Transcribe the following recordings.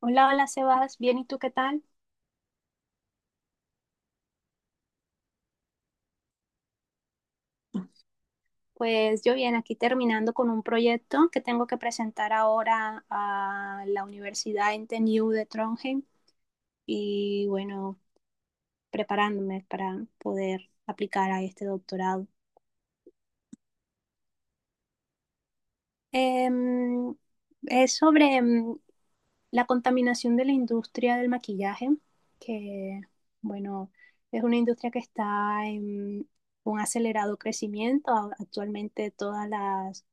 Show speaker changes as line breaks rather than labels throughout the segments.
Hola, hola Sebas, bien, ¿y tú qué tal? Pues yo bien, aquí terminando con un proyecto que tengo que presentar ahora a la Universidad NTNU de Trondheim y bueno, preparándome para poder aplicar a este doctorado. Em, es sobre la contaminación de la industria del maquillaje, que bueno, es una industria que está en un acelerado crecimiento. Actualmente todas las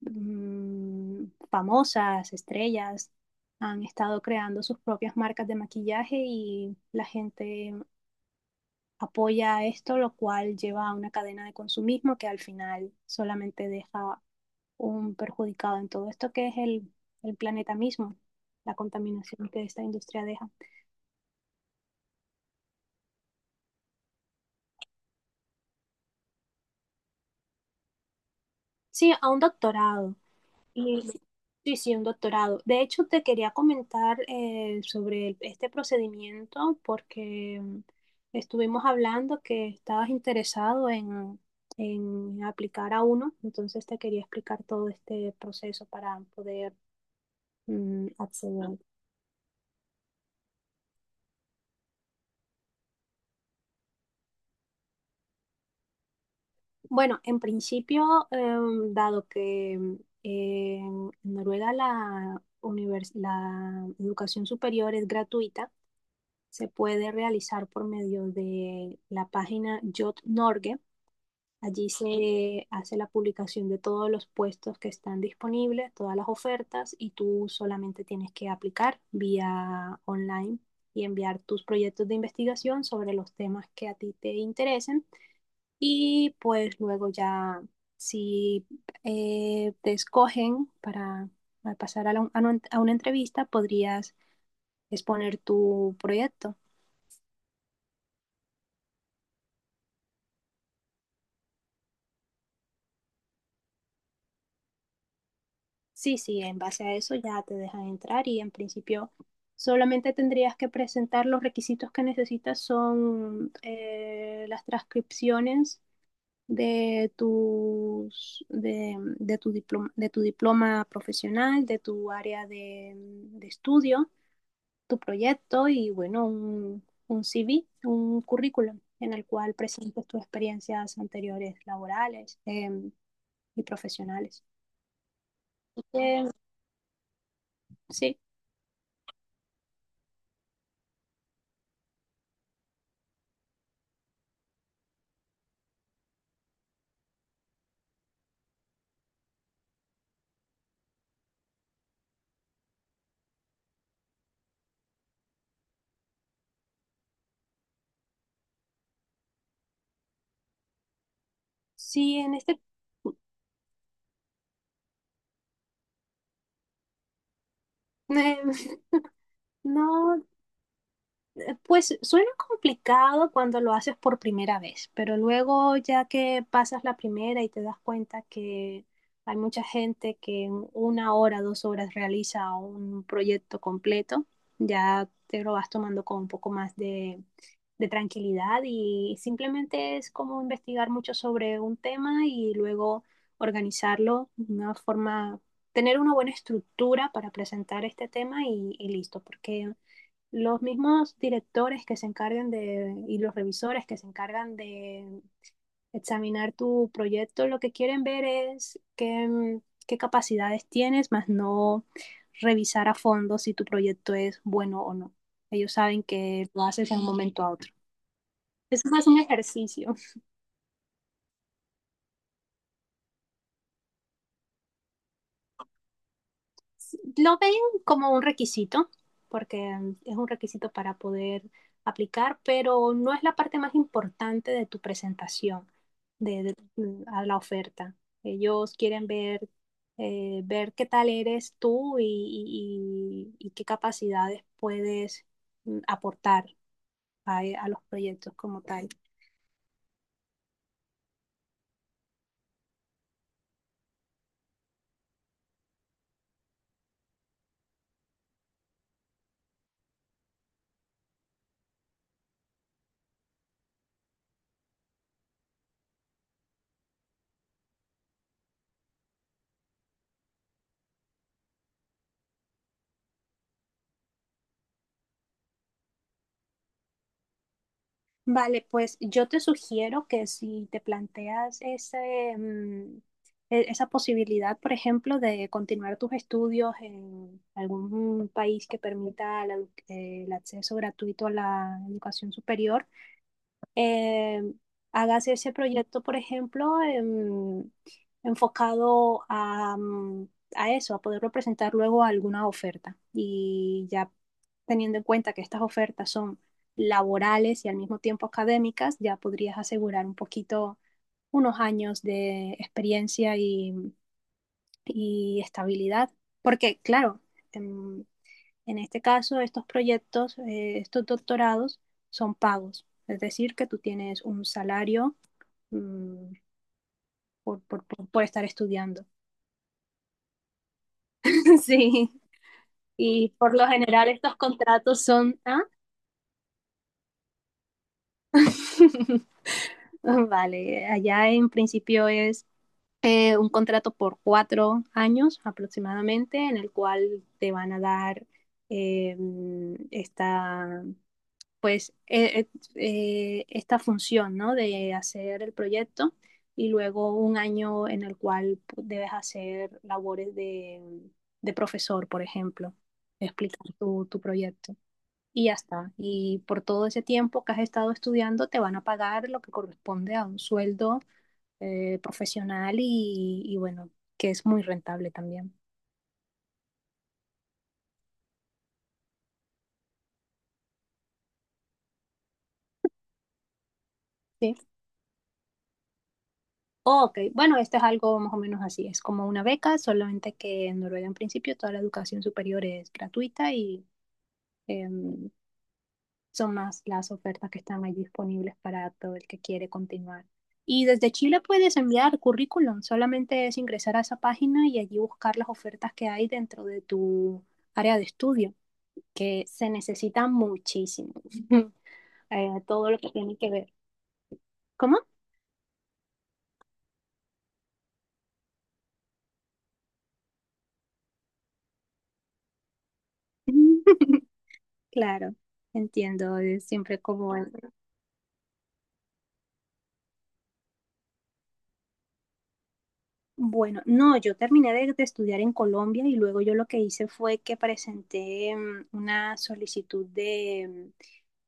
mm, famosas, estrellas, han estado creando sus propias marcas de maquillaje y la gente apoya esto, lo cual lleva a una cadena de consumismo que al final solamente deja un perjudicado en todo esto que es el planeta mismo, la contaminación que esta industria deja. Sí, a un doctorado. Y sí, sí, un doctorado. De hecho, te quería comentar sobre este procedimiento porque estuvimos hablando que estabas interesado en aplicar a uno, entonces te quería explicar todo este proceso para poder acceder. Bueno, en principio, dado que en Noruega la educación superior es gratuita, se puede realizar por medio de la página Jot Norge. Allí se hace la publicación de todos los puestos que están disponibles, todas las ofertas y tú solamente tienes que aplicar vía online y enviar tus proyectos de investigación sobre los temas que a ti te interesen y pues luego ya si te escogen para pasar a, la, a, un, a una entrevista podrías exponer tu proyecto. Sí, sí, en base a eso ya te dejan entrar y en principio solamente tendrías que presentar los requisitos que necesitas son las transcripciones de tu diploma, de tu diploma profesional, de tu área de estudio, tu proyecto y bueno, un CV, un currículum en el cual presentes tus experiencias anteriores laborales y profesionales. Así. Sí. Sí, en este... No, pues suena complicado cuando lo haces por primera vez, pero luego ya que pasas la primera y te das cuenta que hay mucha gente que en una hora, 2 horas realiza un proyecto completo, ya te lo vas tomando con un poco más de tranquilidad y simplemente es como investigar mucho sobre un tema y luego organizarlo de una forma, tener una buena estructura para presentar este tema y listo, porque los mismos directores que se encargan y los revisores que se encargan de examinar tu proyecto, lo que quieren ver es qué capacidades tienes, más no revisar a fondo si tu proyecto es bueno o no. Ellos saben que lo haces de un momento a otro. Eso es más un ejercicio. Lo ven como un requisito, porque es un requisito para poder aplicar, pero no es la parte más importante de tu presentación de, de- a la oferta. Ellos quieren ver qué tal eres tú y qué capacidades puedes aportar a los proyectos como tal. Vale, pues yo te sugiero que si te planteas esa posibilidad, por ejemplo, de continuar tus estudios en algún país que permita el acceso gratuito a la educación superior, eh, hagas ese proyecto, por ejemplo, enfocado a eso, a poderlo presentar luego a alguna oferta. Y ya teniendo en cuenta que estas ofertas son laborales y al mismo tiempo académicas, ya podrías asegurar un poquito unos años de experiencia y estabilidad. Porque, claro, em, en este caso, estos proyectos, estos doctorados son pagos, es decir, que tú tienes un salario mm, por estar estudiando. Sí, y por lo general estos contratos son... ¿ah? Vale, allá en principio es un contrato por 4 años aproximadamente, en el cual te van a dar esta, pues esta función, ¿no? De hacer el proyecto y luego un año en el cual debes hacer labores de profesor, por ejemplo, explicar tu proyecto. Y ya está. Y por todo ese tiempo que has estado estudiando, te van a pagar lo que corresponde a un sueldo profesional y bueno, que es muy rentable también. Sí. Ok, bueno, esto es algo más o menos así, es como una beca, solamente que en Noruega en principio toda la educación superior es gratuita y em, son más las ofertas que están ahí disponibles para todo el que quiere continuar. Y desde Chile puedes enviar currículum, solamente es ingresar a esa página y allí buscar las ofertas que hay dentro de tu área de estudio, que se necesita muchísimo, todo lo que tiene que ver. ¿Cómo? Claro, entiendo, es siempre como... Bueno, no, yo terminé de estudiar en Colombia y luego yo lo que hice fue que presenté una solicitud de, mm,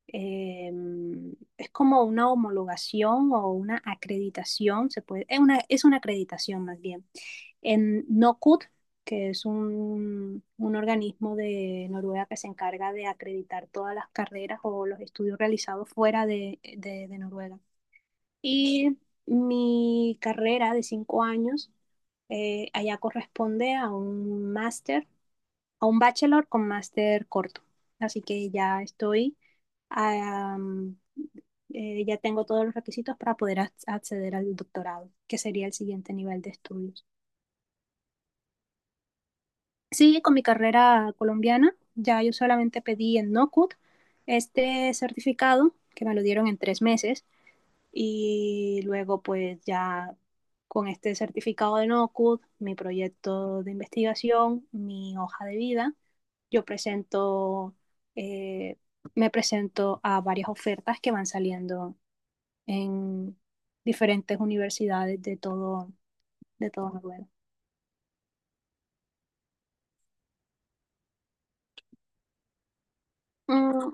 em, es como una homologación o una acreditación, se puede, es una acreditación más bien, en NOCUT, que es un organismo de Noruega que se encarga de acreditar todas las carreras o los estudios realizados fuera de Noruega. Y mi carrera de 5 años allá corresponde a un máster, a un bachelor con máster corto. Así que am, ya tengo todos los requisitos para poder acceder al doctorado, que sería el siguiente nivel de estudios. Sí, con mi carrera colombiana, ya yo solamente pedí en NOCUT este certificado, que me lo dieron en 3 meses. Y luego pues ya con este certificado de NOCUD, mi proyecto de investigación, mi hoja de vida, yo eh, me presento a varias ofertas que van saliendo en diferentes universidades de todo Noruega. Mm,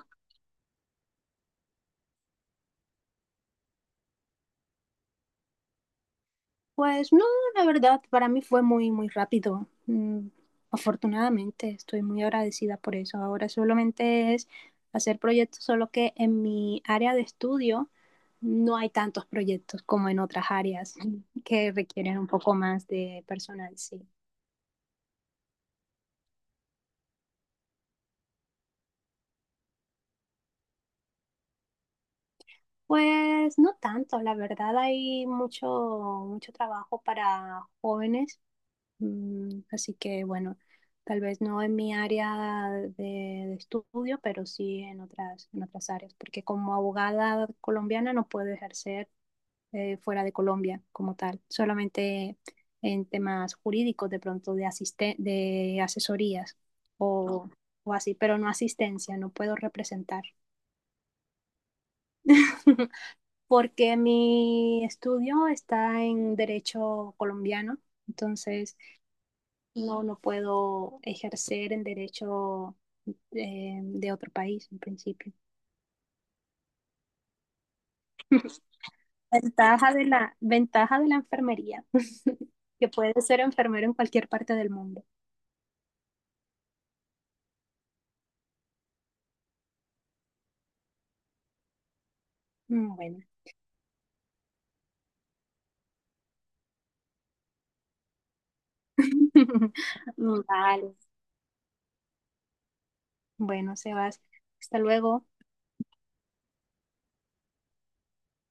Pues no, la verdad, para mí fue muy, muy rápido. Afortunadamente, estoy muy agradecida por eso. Ahora solamente es hacer proyectos, solo que en mi área de estudio no hay tantos proyectos como en otras áreas que requieren un poco más de personal, sí. Pues no tanto, la verdad, hay mucho, mucho trabajo para jóvenes. Así que bueno, tal vez no en mi área de estudio, pero sí en otras áreas, porque como abogada colombiana no puedo ejercer fuera de Colombia como tal, solamente en temas jurídicos, de pronto de asesorías o, o así, pero no asistencia, no puedo representar. Porque mi estudio está en derecho colombiano, entonces. No, no puedo ejercer el derecho de otro país en principio. Ventaja de la enfermería, que puedes ser enfermero en cualquier parte del mundo. Bueno, vale. Bueno, Sebas, hasta luego.